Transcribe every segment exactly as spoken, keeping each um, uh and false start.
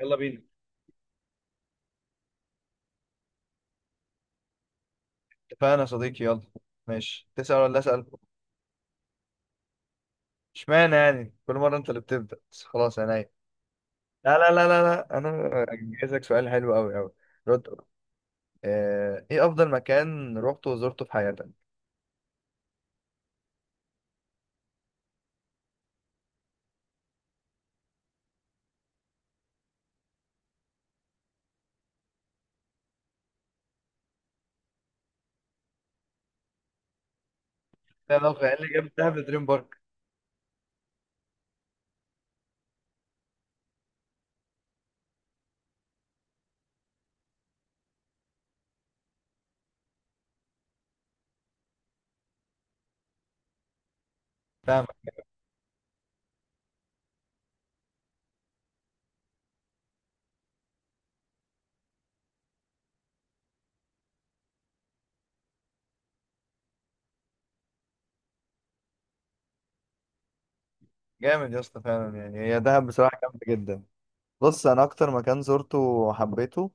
يلا بينا. اتفقنا يا صديقي، يلا ماشي. تسأل ولا أسأل؟ اشمعنى يعني كل مرة أنت اللي بتبدأ؟ بس خلاص أنا. لا لا لا لا لا، أنا جايزك سؤال حلو أوي أوي. رد. آه، إيه أفضل مكان روحته وزرته في حياتك؟ ده لو قال لي جاب دهب دريم بارك. فاهمك. جامد يا اسطى فعلا، يعني هي دهب بصراحة جامدة جدا. بص، أنا أكتر مكان زرته وحبيته،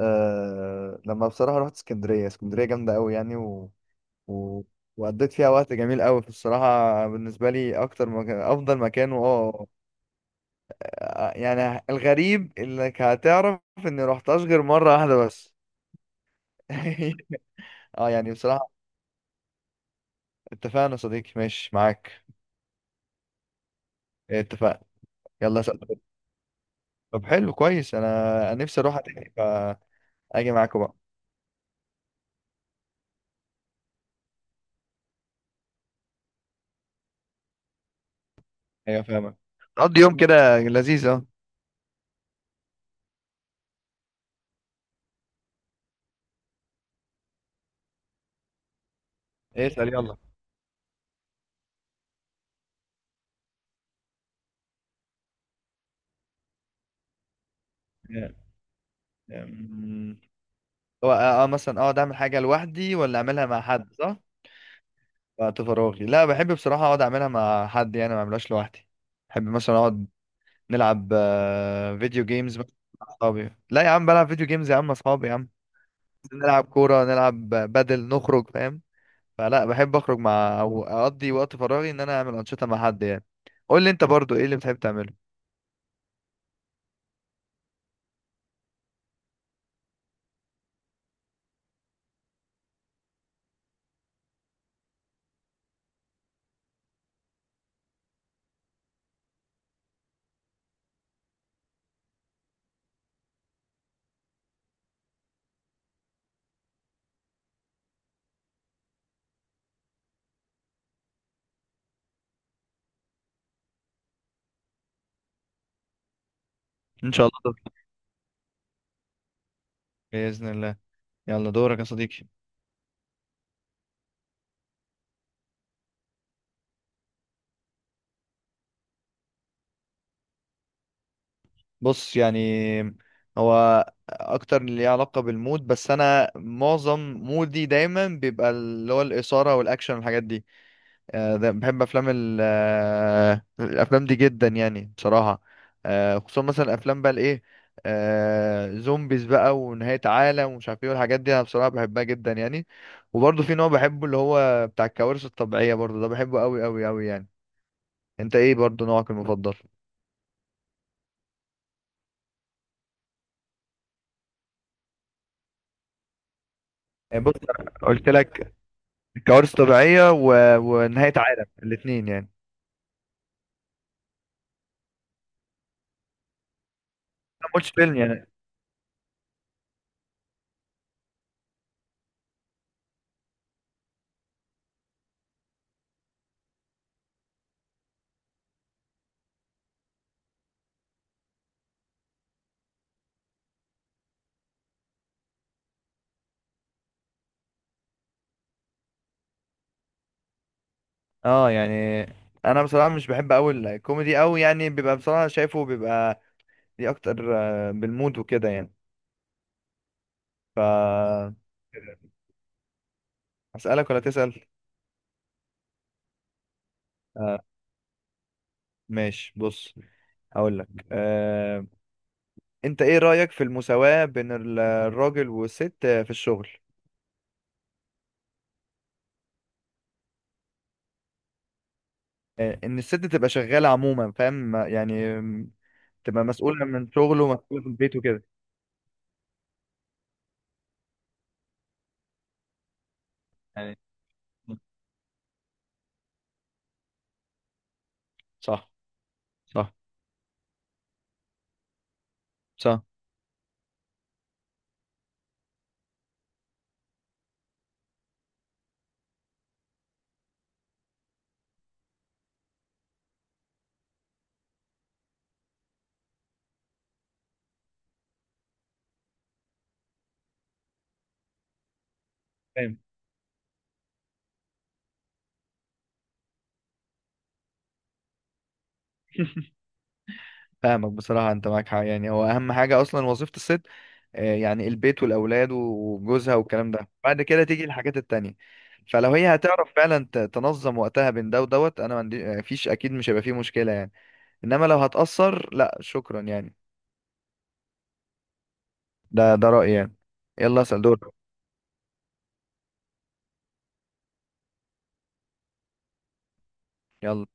أه لما بصراحة رحت اسكندرية. اسكندرية جامدة أوي يعني. و... وقضيت فيها وقت جميل قوي، في الصراحة بالنسبة لي أكتر مكان، أفضل مكان. وأه يعني الغريب إنك هتعرف إني روحتهاش غير مرة واحدة بس. أه يعني بصراحة، اتفقنا يا صديقي ماشي معاك. اتفقنا. يلا سأل. طب حلو كويس. أنا أنا نفسي أروح تاني فأجي معاكم بقى. أيوة، فاهمك. قضي يوم كده لذيذ، أه. اسأل يلا. أمم، هو أه آه، مثلا أقعد أعمل حاجة لوحدي ولا أعملها مع حد، صح؟ وقت فراغي، لا بحب بصراحة أقعد أعملها مع حد، يعني ما أعملهاش لوحدي. بحب مثلا أقعد نلعب آه، فيديو جيمز مع أصحابي. لا يا عم، بلعب فيديو جيمز يا عم مع أصحابي يا عم. نلعب كورة نلعب بدل نخرج، فاهم. فلا بحب أخرج مع، أو أقضي وقت فراغي إن أنا أعمل أنشطة مع حد يعني. قول لي أنت برضو إيه اللي بتحب تعمله؟ إن شاء الله دور. بإذن الله. يلا دورك يا صديقي. بص يعني، هو اكتر اللي ليه علاقة بالمود، بس انا معظم مودي دايما بيبقى اللي هو الإثارة والاكشن والحاجات دي. آه، ده- بحب افلام ال- آه، الافلام دي جدا يعني بصراحة. آه، خصوصا مثلا افلام بقى الايه آه، زومبيز بقى ونهاية عالم ومش عارف ايه والحاجات دي، انا بصراحة بحبها جدا يعني. وبرضه في نوع بحبه اللي هو بتاع الكوارث الطبيعية، برضه ده بحبه قوي قوي قوي يعني. انت ايه برضه نوعك المفضل؟ آه، بص، أنا قلت لك كوارث طبيعية و... ونهاية عالم الاتنين يعني. ما قلتش فيلم يعني. اه يعني، انا بصراحة مش بحب اوي الكوميدي اوي يعني، بيبقى بصراحة شايفه بيبقى ليه اكتر آه، بالمود وكده يعني. ف اسألك ولا تسأل؟ آه، ماشي بص، هقول لك آه. انت ايه رأيك في المساواة بين ال- الراجل والست آه، في الشغل؟ آه، ان الست تبقى شغالة عموما فاهم، ما- يعني م- تبقى مسؤولة من شغله ومسؤولة في البيت وكده. يعني. صح. صح. صح. فاهم. فاهمك بصراحة، أنت معاك حق يعني، هو أهم حاجة أصلا وظيفة الست، آه، يعني البيت والأولاد وجوزها والكلام ده، بعد كده تيجي الحاجات التانية. فلو هي هتعرف فعلا ت- تنظم وقتها بين ده ودوت، أنا ما عندي آه، فيش، أكيد مش هيبقى فيه مشكلة يعني. إنما لو هتأثر لا شكرا يعني. ده ده رأيي يعني. يلا اسأل دور. يلا.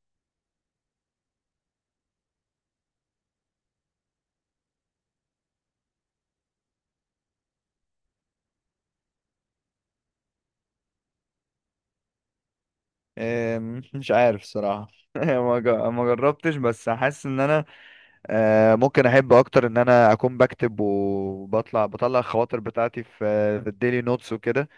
آم، مش عارف الصراحة. ما جا- ما جربتش بس حاسس إن أنا آه، ممكن احب اكتر ان انا اكون بكتب وبطلع بطلع الخواطر بتاعتي في في الديلي نوتس وكده.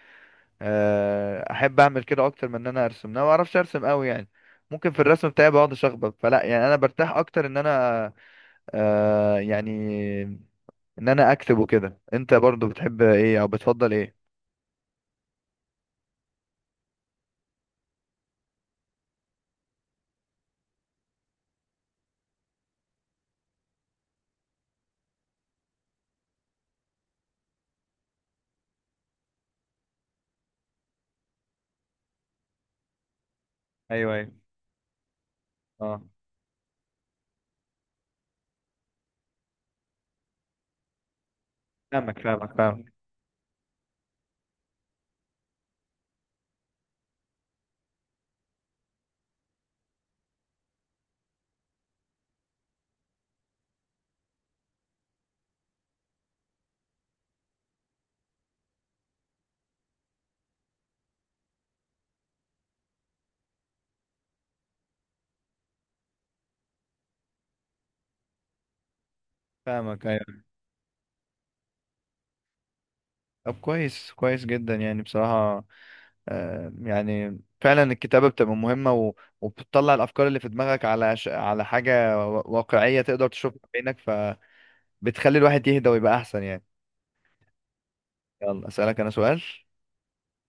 آه، احب اعمل كده اكتر من ان انا ارسم. انا ما بعرفش ارسم قوي يعني. ممكن في الرسم بتاعي بقعد اشخبط، فلا يعني انا برتاح اكتر ان انا آه، يعني ان انا اكتب وكده. انت برضو بتحب ايه او بتفضل ايه؟ ايوه، ايوه، اه. فاهمك فاهمك فاهمك. فاهمك، ايوه. طب كويس كويس جدا يعني بصراحة. آه، يعني فعلا الكتابة بتبقى مهمة و... وبتطلع الأفكار اللي في دماغك على ش... على حاجة وا- واقعية تقدر تشوفها بعينك. فبتخلي الواحد يهدى ويبقى أحسن يعني. يلا أسألك أنا سؤال،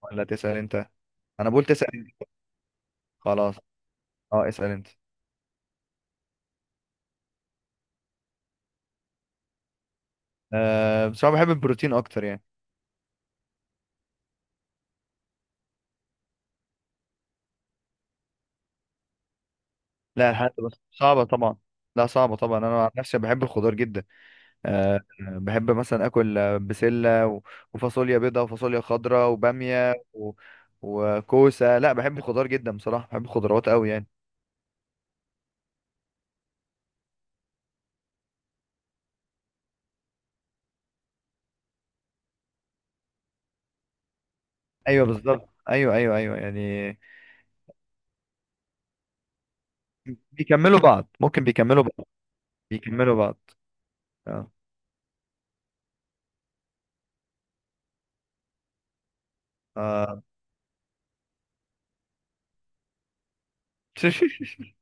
ولا تسأل أنت؟ أنا بقول تسأل أنت. خلاص، أه، اسأل أنت. أه، بس أنا بحب البروتين أكتر يعني. لا، الحاجات بس صعبة طبعا. لا، صعبة طبعا، أنا عن نفسي بحب الخضار جدا. آه، بحب مثلا اكل آه، بسله و- وفاصوليا بيضاء وفاصوليا خضراء وباميه و... وكوسه. لا بحب الخضار جدا بصراحه، بحب الخضروات قوي يعني. ايوه بالظبط، ايوه ايوه ايوه يعني. بيكملوا بعض، ممكن بيكملوا بعض. بيكملوا بعض. اه. آه.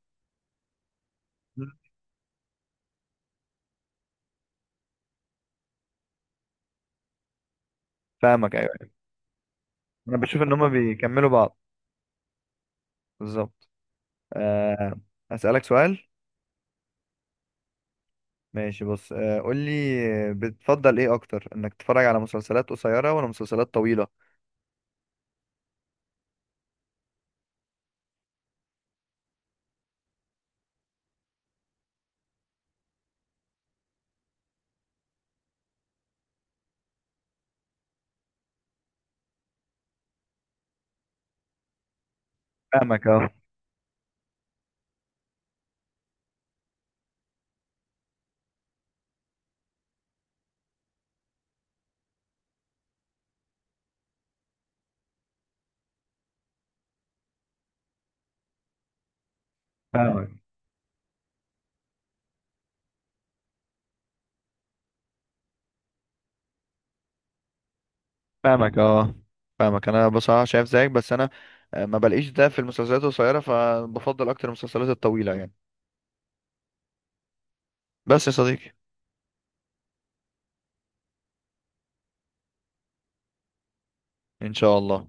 فاهمك، ايوه، أيوة. انا بشوف ان هما بيكملوا بعض. بالظبط. آه. اسالك سؤال. ماشي بص، آه، قول لي، بتفضل ايه اكتر، انك تتفرج على مسلسلات قصيره ولا مسلسلات طويله؟ فاهمك، اه. فاهمك. فاهمك، اه. فاهمك، انا بصراحه شايف زيك، بس انا آه، ما بلاقيش ده في المسلسلات القصيره فبفضل اكتر المسلسلات الطويله يعني. بس يا صديقي، ان شاء الله.